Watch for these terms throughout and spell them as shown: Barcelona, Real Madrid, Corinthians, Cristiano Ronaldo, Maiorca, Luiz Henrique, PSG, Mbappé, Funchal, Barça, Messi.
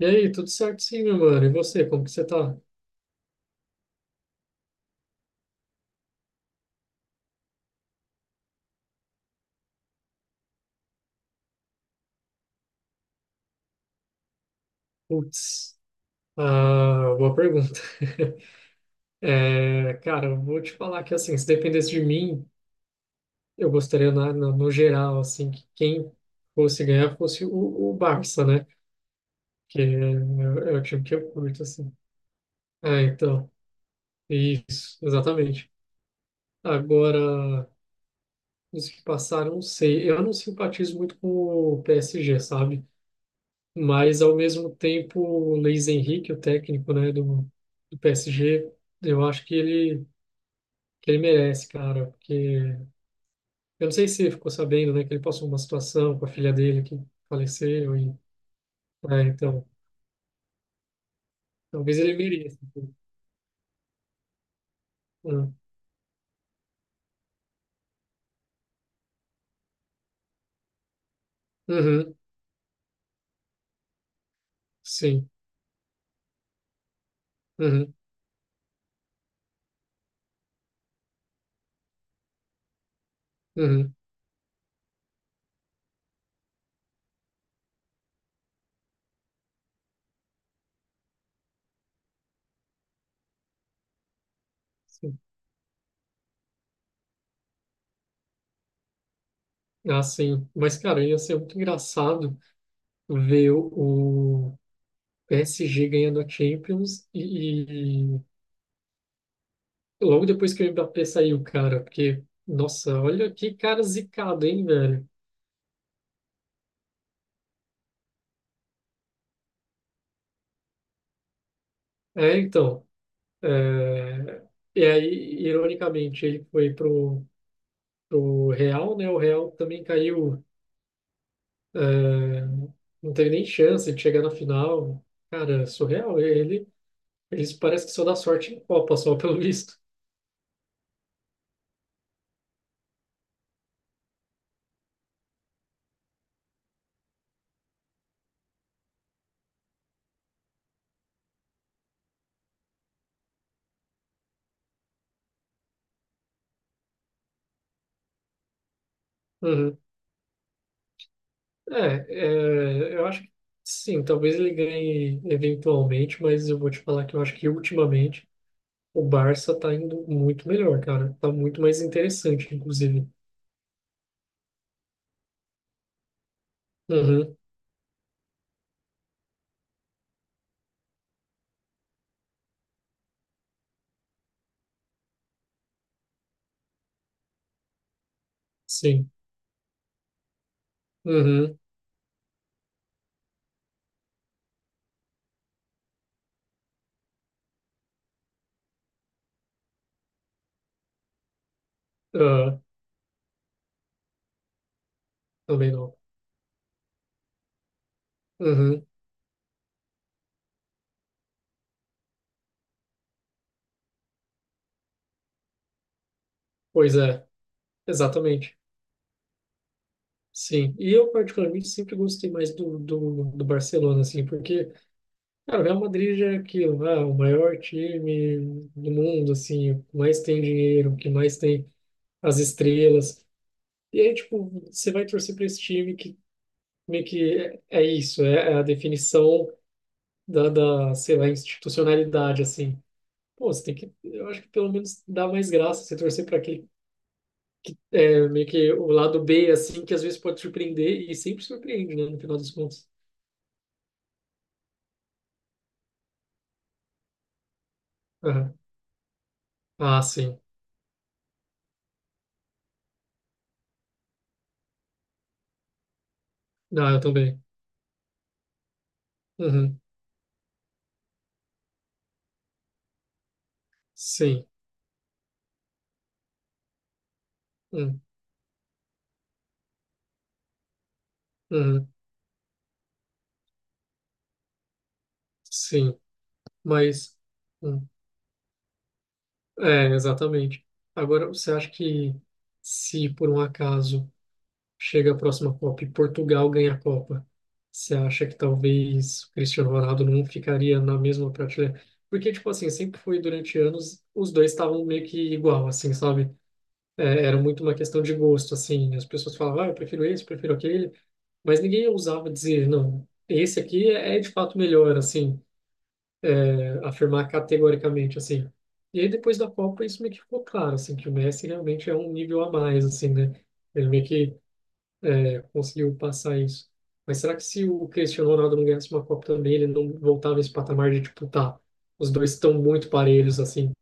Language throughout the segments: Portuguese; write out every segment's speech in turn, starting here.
E aí, tudo certo sim, meu mano? E você, como que você tá? Putz, boa pergunta. Cara, eu vou te falar que, assim, se dependesse de mim, eu gostaria, no geral, assim, que quem fosse ganhar fosse o Barça, né? Que é, é o time que eu curto, assim. Ah, então, isso, exatamente. Agora, os que passaram, não sei. Eu não simpatizo muito com o PSG, sabe? Mas, ao mesmo tempo, o Luiz Henrique, o técnico, né, do PSG, eu acho que ele merece, cara. Porque eu não sei se você ficou sabendo, né, que ele passou uma situação com a filha dele que faleceu. Então, talvez ele mereça. Uhum, uhum, sim. Uhum, uhum, sim. Ah, sim. Mas, cara, ia ser muito engraçado ver o PSG ganhando a Champions e logo depois que o Mbappé saiu, cara, porque, nossa, olha que cara zicado, hein, velho? É, então, é, e aí, ironicamente, ele foi pro Real, né? O Real também caiu, é, não teve nem chance de chegar na final. Cara, surreal, eles parece que só dá sorte em Copa, só pelo visto. Uhum. É, eu acho que sim, talvez ele ganhe eventualmente, mas eu vou te falar que eu acho que ultimamente o Barça tá indo muito melhor, cara. Tá muito mais interessante, inclusive. Uhum, sim. Uhum, ah, também não. Uhum, pois é, exatamente. Sim. E eu, particularmente, sempre gostei mais do Barcelona, assim, porque, cara, o Real Madrid já é aquilo, ah, o maior time do mundo, assim, o que mais tem dinheiro, o que mais tem as estrelas. E aí, tipo, você vai torcer para esse time que meio que é a definição sei lá, institucionalidade, assim. Pô, você tem que, eu acho que pelo menos dá mais graça você torcer para aquele, é, meio que o lado B, assim, que às vezes pode surpreender e sempre surpreende, né, no final das contas. Aham. Ah, sim. Ah, eu também. Uhum. Sim. Hum. Uhum. Sim. Mas, hum. É, exatamente. Agora, você acha que se por um acaso chega a próxima Copa e Portugal ganha a Copa, você acha que talvez o Cristiano Ronaldo não ficaria na mesma prateleira? Porque, tipo assim, sempre foi durante anos, os dois estavam meio que igual, assim, sabe? É, era muito uma questão de gosto, assim. As pessoas falavam, ah, eu prefiro esse, eu prefiro aquele, mas ninguém ousava dizer, não, esse aqui é de fato melhor, assim, é, afirmar categoricamente, assim. E aí, depois da Copa, isso meio que ficou claro, assim, que o Messi realmente é um nível a mais, assim, né? Ele meio que é, conseguiu passar isso. Mas será que se o Cristiano Ronaldo não ganhasse uma Copa também, ele não voltava a esse patamar de, tipo, tá, os dois estão muito parelhos, assim.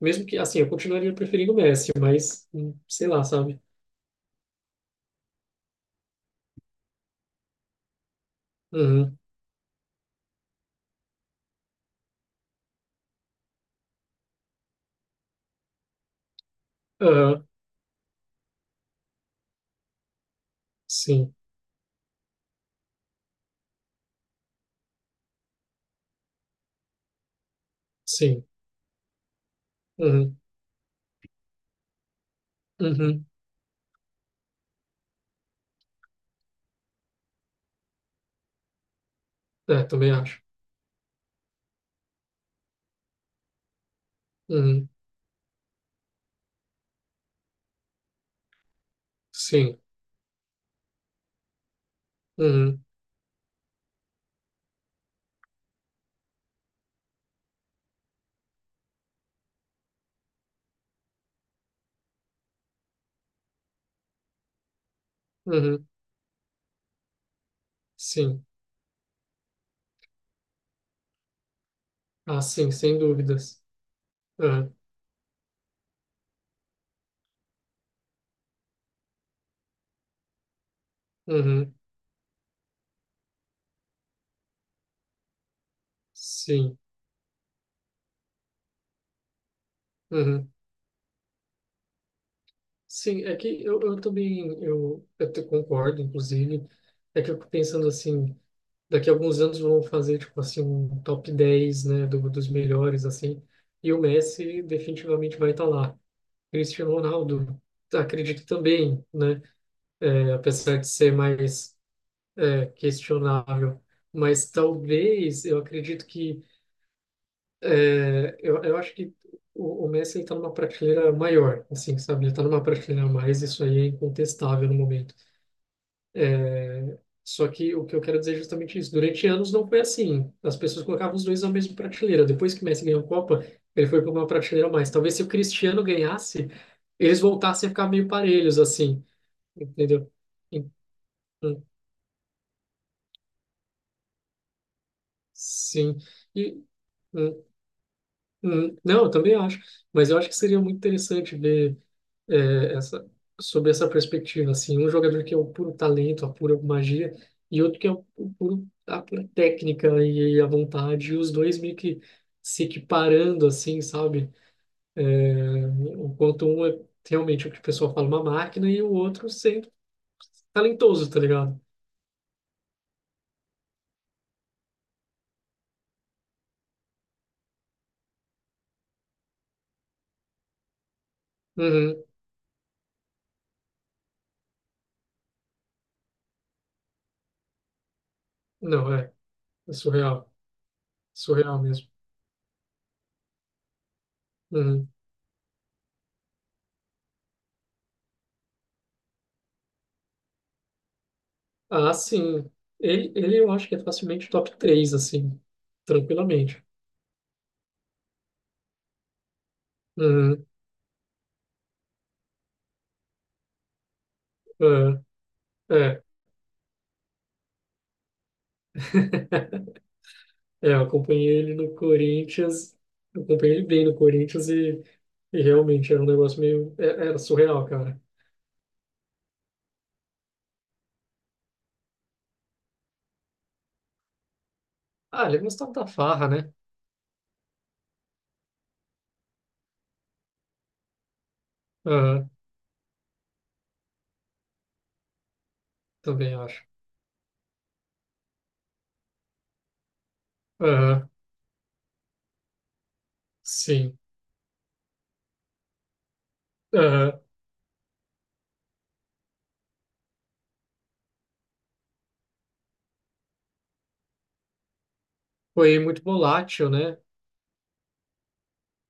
Mesmo que, assim, eu continuaria preferindo o Messi, mas, sei lá, sabe? Uhum, aham, sim, sim, uhum, uhum, é, também acho. Uhum, sim, uhum, uhum, sim. Ah, sim, sem dúvidas. Uhum, uhum, sim, uhum. Sim, é eu também eu te concordo, inclusive, é que eu fico pensando assim, daqui a alguns anos vão fazer tipo assim um top 10 né, dos melhores assim, e o Messi definitivamente vai estar lá. Cristiano Ronaldo, acredito também, né, é, apesar de ser mais é, questionável, mas talvez eu acredito que é, eu acho que o Messi está numa prateleira maior, assim, sabe? Ele está numa prateleira a mais, isso aí é incontestável no momento. Só que o que eu quero dizer é justamente isso. Durante anos não foi assim. As pessoas colocavam os dois na mesma prateleira. Depois que o Messi ganhou a Copa, ele foi para uma prateleira a mais. Talvez se o Cristiano ganhasse, eles voltassem a ficar meio parelhos assim, entendeu? Em- em- Sim. E, hum, não, eu também acho. Mas eu acho que seria muito interessante ver é, essa, sobre essa perspectiva, assim, um jogador que é o puro talento, a pura magia, e outro que é o puro, a pura técnica e a vontade, e os dois meio que se equiparando, assim, sabe? É, enquanto um é realmente o que o pessoal fala, uma máquina, e o outro sendo talentoso, tá ligado? Uhum. Não, é, é surreal, surreal mesmo. Uhum. Ah, sim, ele eu acho que é facilmente top três assim, tranquilamente. Uhum. É, é. É, eu acompanhei ele no Corinthians, eu acompanhei ele bem no Corinthians e realmente era um negócio meio. Era surreal, cara. Ah, ele gostava da farra, né? Aham, também acho. Aham, sim. Aham. Foi muito volátil, né?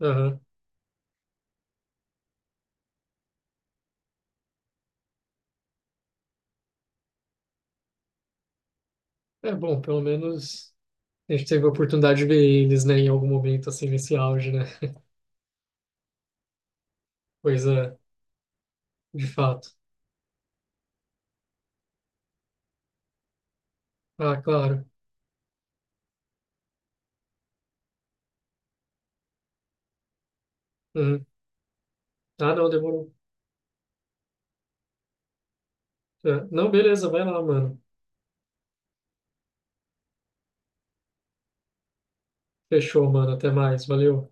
Aham. É bom, pelo menos a gente teve a oportunidade de ver eles, né, em algum momento, assim, nesse auge, né? Coisa de fato. Ah, claro. Uhum. Ah, não, demorou. É. Não, beleza, vai lá, mano. Fechou, mano. Até mais. Valeu.